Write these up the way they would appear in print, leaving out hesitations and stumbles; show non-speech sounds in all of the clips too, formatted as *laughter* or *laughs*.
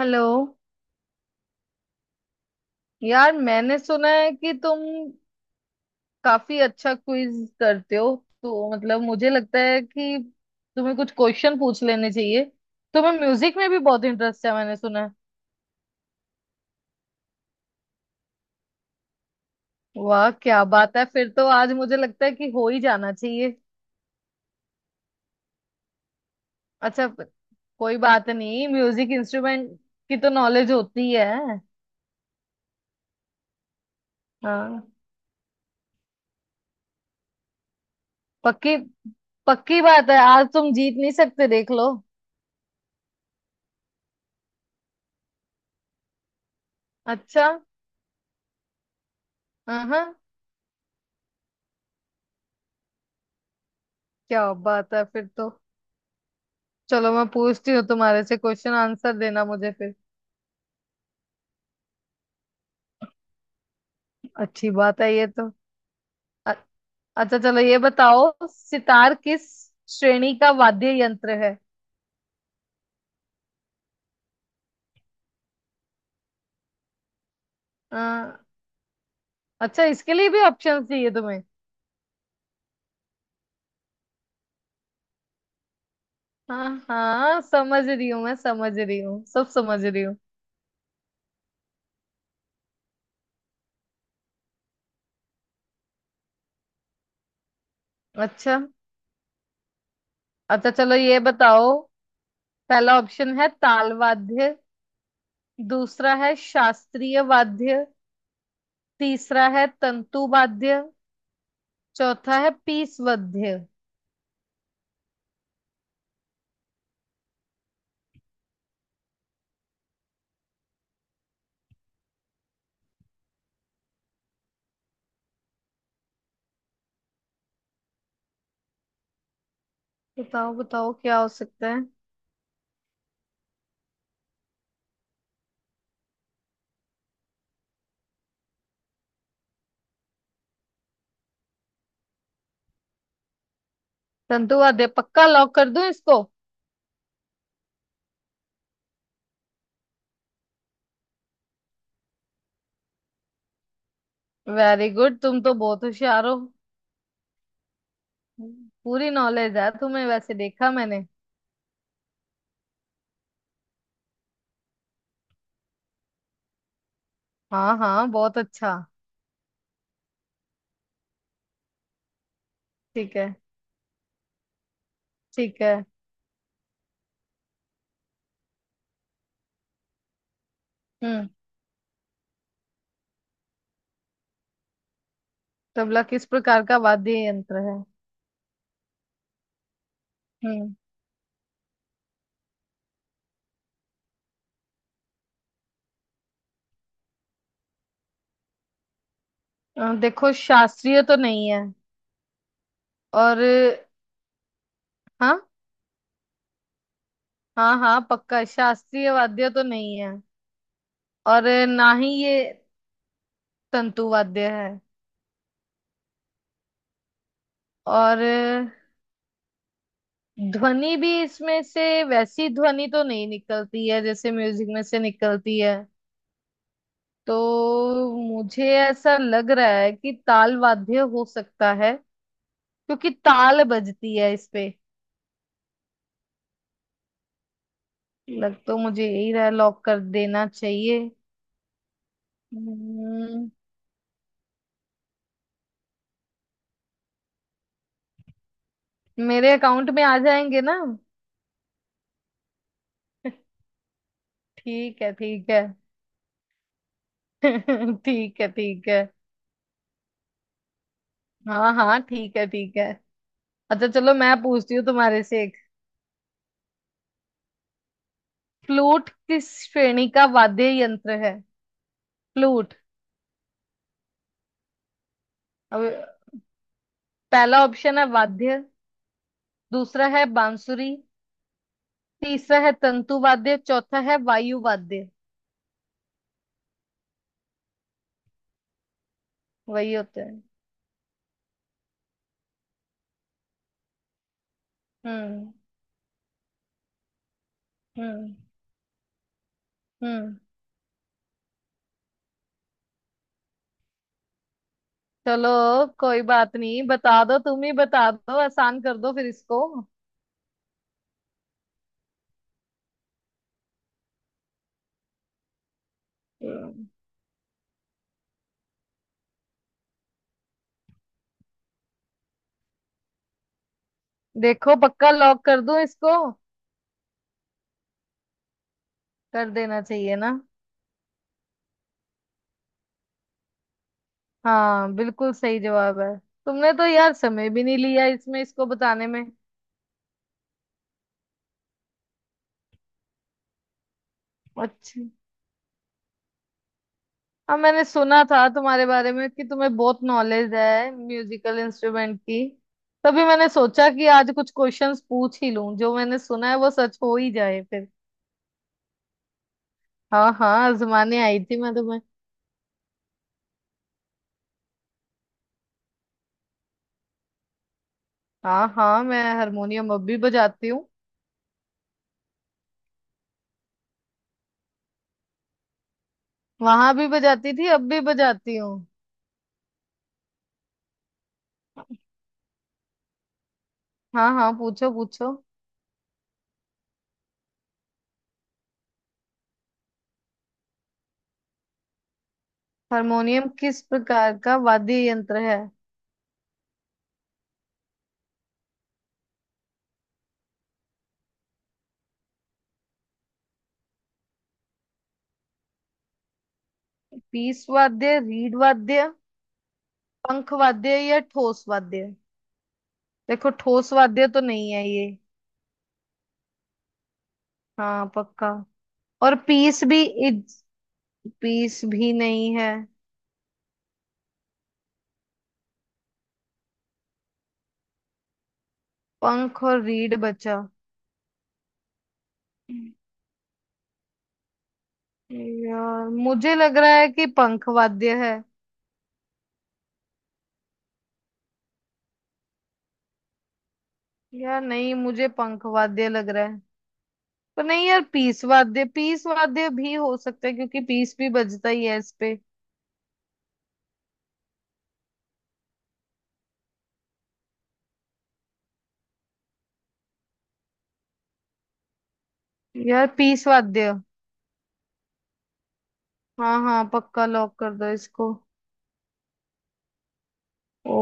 Hello. यार मैंने सुना है कि तुम काफी अच्छा क्विज करते हो। तो मतलब मुझे लगता है कि तुम्हें कुछ क्वेश्चन पूछ लेने चाहिए। तुम्हें म्यूजिक में भी बहुत इंटरेस्ट है मैंने सुना है। वाह क्या बात है, फिर तो आज मुझे लगता है कि हो ही जाना चाहिए। अच्छा, कोई बात नहीं, म्यूजिक इंस्ट्रूमेंट की तो नॉलेज होती है। हाँ। पक्की पक्की बात है, आज तुम जीत नहीं सकते, देख लो। अच्छा। हाँ हाँ, क्या बात है फिर तो। चलो मैं पूछती हूँ तुम्हारे से क्वेश्चन, आंसर देना मुझे फिर। अच्छी बात है ये तो। अ- अच्छा चलो ये बताओ, सितार किस श्रेणी का वाद्य यंत्र है। अ, अच्छा, इसके लिए भी ऑप्शन चाहिए तुम्हें। हाँ हाँ, समझ रही हूँ मैं, समझ रही हूँ, सब समझ रही हूँ। अच्छा। अच्छा चलो ये बताओ। पहला ऑप्शन है ताल वाद्य। दूसरा है शास्त्रीय वाद्य। तीसरा है तंतु वाद्य। चौथा है पीस वाद्य। बताओ बताओ क्या हो सकता है। संतुवाद्य पक्का लॉक कर दूं इसको। वेरी गुड, तुम तो बहुत होशियार हो। पूरी नॉलेज है तुम्हें वैसे, देखा मैंने। हाँ हाँ बहुत अच्छा। ठीक है ठीक है। हम्म। तबला किस प्रकार का वाद्य यंत्र है। हम्म। देखो शास्त्रीय तो नहीं है। और हाँ। हाँ हाँ पक्का, शास्त्रीय वाद्य तो नहीं है। और ना ही ये तंतु वाद्य है। और ध्वनि भी इसमें से, वैसी ध्वनि तो नहीं निकलती है जैसे म्यूजिक में से निकलती है। तो मुझे ऐसा लग रहा है कि ताल वाद्य हो सकता है, क्योंकि ताल बजती है इस पे। लग तो मुझे यही रहा, लॉक कर देना चाहिए। हम्म, मेरे अकाउंट में आ जाएंगे ना। *laughs* ठीक है ठीक है। *laughs* ठीक है ठीक है। हाँ हाँ ठीक है ठीक है। अच्छा चलो मैं पूछती हूँ तुम्हारे से एक। फ्लूट किस श्रेणी का वाद्य यंत्र है। फ्लूट। अब, पहला ऑप्शन है वाद्य। दूसरा है बांसुरी। तीसरा है तंतु वाद्य, चौथा है वायु वाद्य। वही होते हैं। हम्म हम्म हम्म। चलो कोई बात नहीं, बता दो, तुम ही बता दो, आसान कर दो फिर इसको। हम्म, देखो पक्का लॉक कर दूं इसको। कर देना चाहिए ना। हाँ बिल्कुल सही जवाब है। तुमने तो यार समय भी नहीं लिया इसमें, इसको बताने में। अच्छा। हाँ मैंने सुना था तुम्हारे बारे में कि तुम्हें बहुत नॉलेज है म्यूजिकल इंस्ट्रूमेंट की। तभी मैंने सोचा कि आज कुछ क्वेश्चंस पूछ ही लूं, जो मैंने सुना है वो सच हो ही जाए फिर। हाँ हाँ आजमाने आई थी मैं तुम्हें। हाँ हाँ मैं हारमोनियम अब भी बजाती हूँ। वहां भी बजाती थी, अब भी बजाती हूँ। हाँ हाँ पूछो पूछो। हारमोनियम किस प्रकार का वाद्य यंत्र है। पीस वाद्य, रीड वाद्य, पंख वाद्य या ठोस वाद्य। देखो ठोस वाद्य तो नहीं है ये। हाँ पक्का। और पीस भी, इज, पीस भी नहीं है। पंख और रीढ़ बचा। यार मुझे लग रहा है कि पंख वाद्य है। यार नहीं, मुझे पंख वाद्य लग रहा है। पर नहीं यार, पीस वाद्य, पीस वाद्य भी हो सकता है क्योंकि पीस भी बजता ही है इस पे। यार पीस वाद्य। हाँ हाँ पक्का लॉक कर दो इसको। ओ।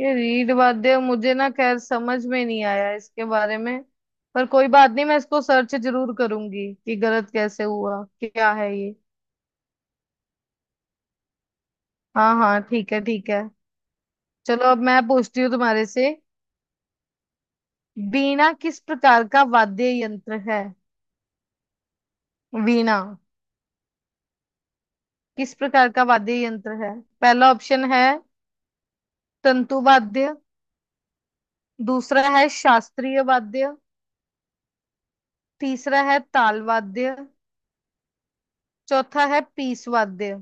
ये रीढ़ वाद्य मुझे ना खैर समझ में नहीं आया इसके बारे में। पर कोई बात नहीं, मैं इसको सर्च जरूर करूंगी कि गलत कैसे हुआ, क्या है ये। हाँ हाँ ठीक है ठीक है। चलो अब मैं पूछती हूँ तुम्हारे से। वीणा किस प्रकार का वाद्य यंत्र है। वीणा किस प्रकार का वाद्य यंत्र है। पहला ऑप्शन है तंतु वाद्य। दूसरा है शास्त्रीय वाद्य। तीसरा है ताल वाद्य। चौथा है पीस वाद्य।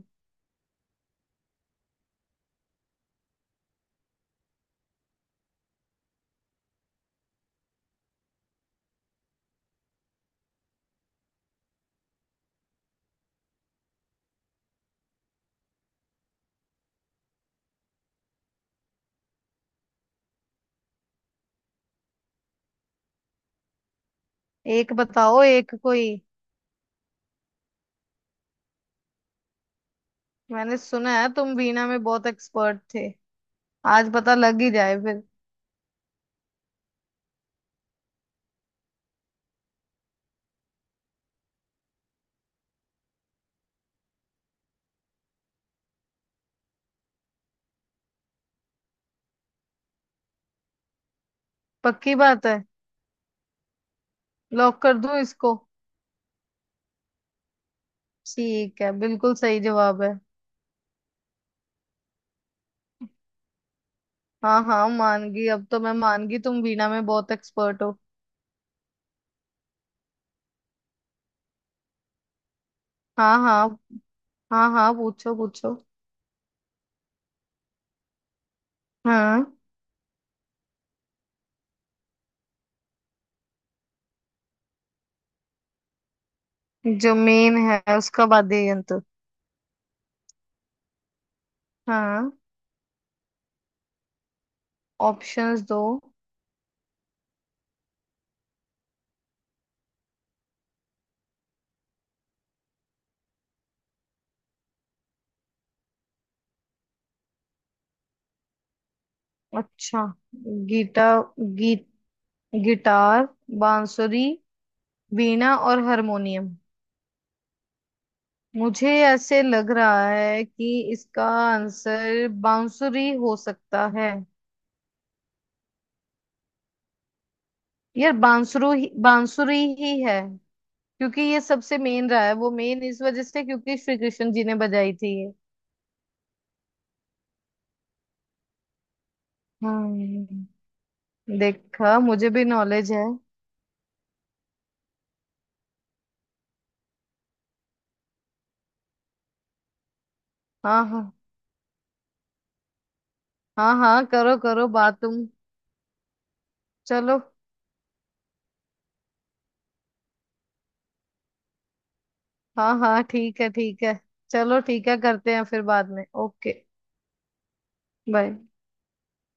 एक बताओ, एक कोई। मैंने सुना है तुम वीणा में बहुत एक्सपर्ट थे, आज पता लग ही जाए फिर। पक्की बात है, लॉक कर दूं इसको। ठीक है बिल्कुल सही जवाब है। हाँ हाँ मान गई, अब तो मैं मान गई, तुम वीणा में बहुत एक्सपर्ट हो। हाँ हाँ। हाँ हाँ पूछो पूछो। हाँ, जो मेन है उसका वाद्य यंत्र। हाँ। ऑप्शंस दो। अच्छा। गीटा गी, गिटार, बांसुरी, वीणा और हारमोनियम। मुझे ऐसे लग रहा है कि इसका आंसर बांसुरी हो सकता है। यार बांसुरु ही बांसुरी ही है। क्योंकि ये सबसे मेन रहा है, वो मेन इस वजह से क्योंकि श्री कृष्ण जी ने बजाई थी ये। हम्म। देखा, मुझे भी नॉलेज है। हाँ हाँ। हाँ हाँ करो करो बात तुम। चलो। हाँ हाँ ठीक है ठीक है। चलो ठीक है करते हैं फिर बाद में। Okay bye.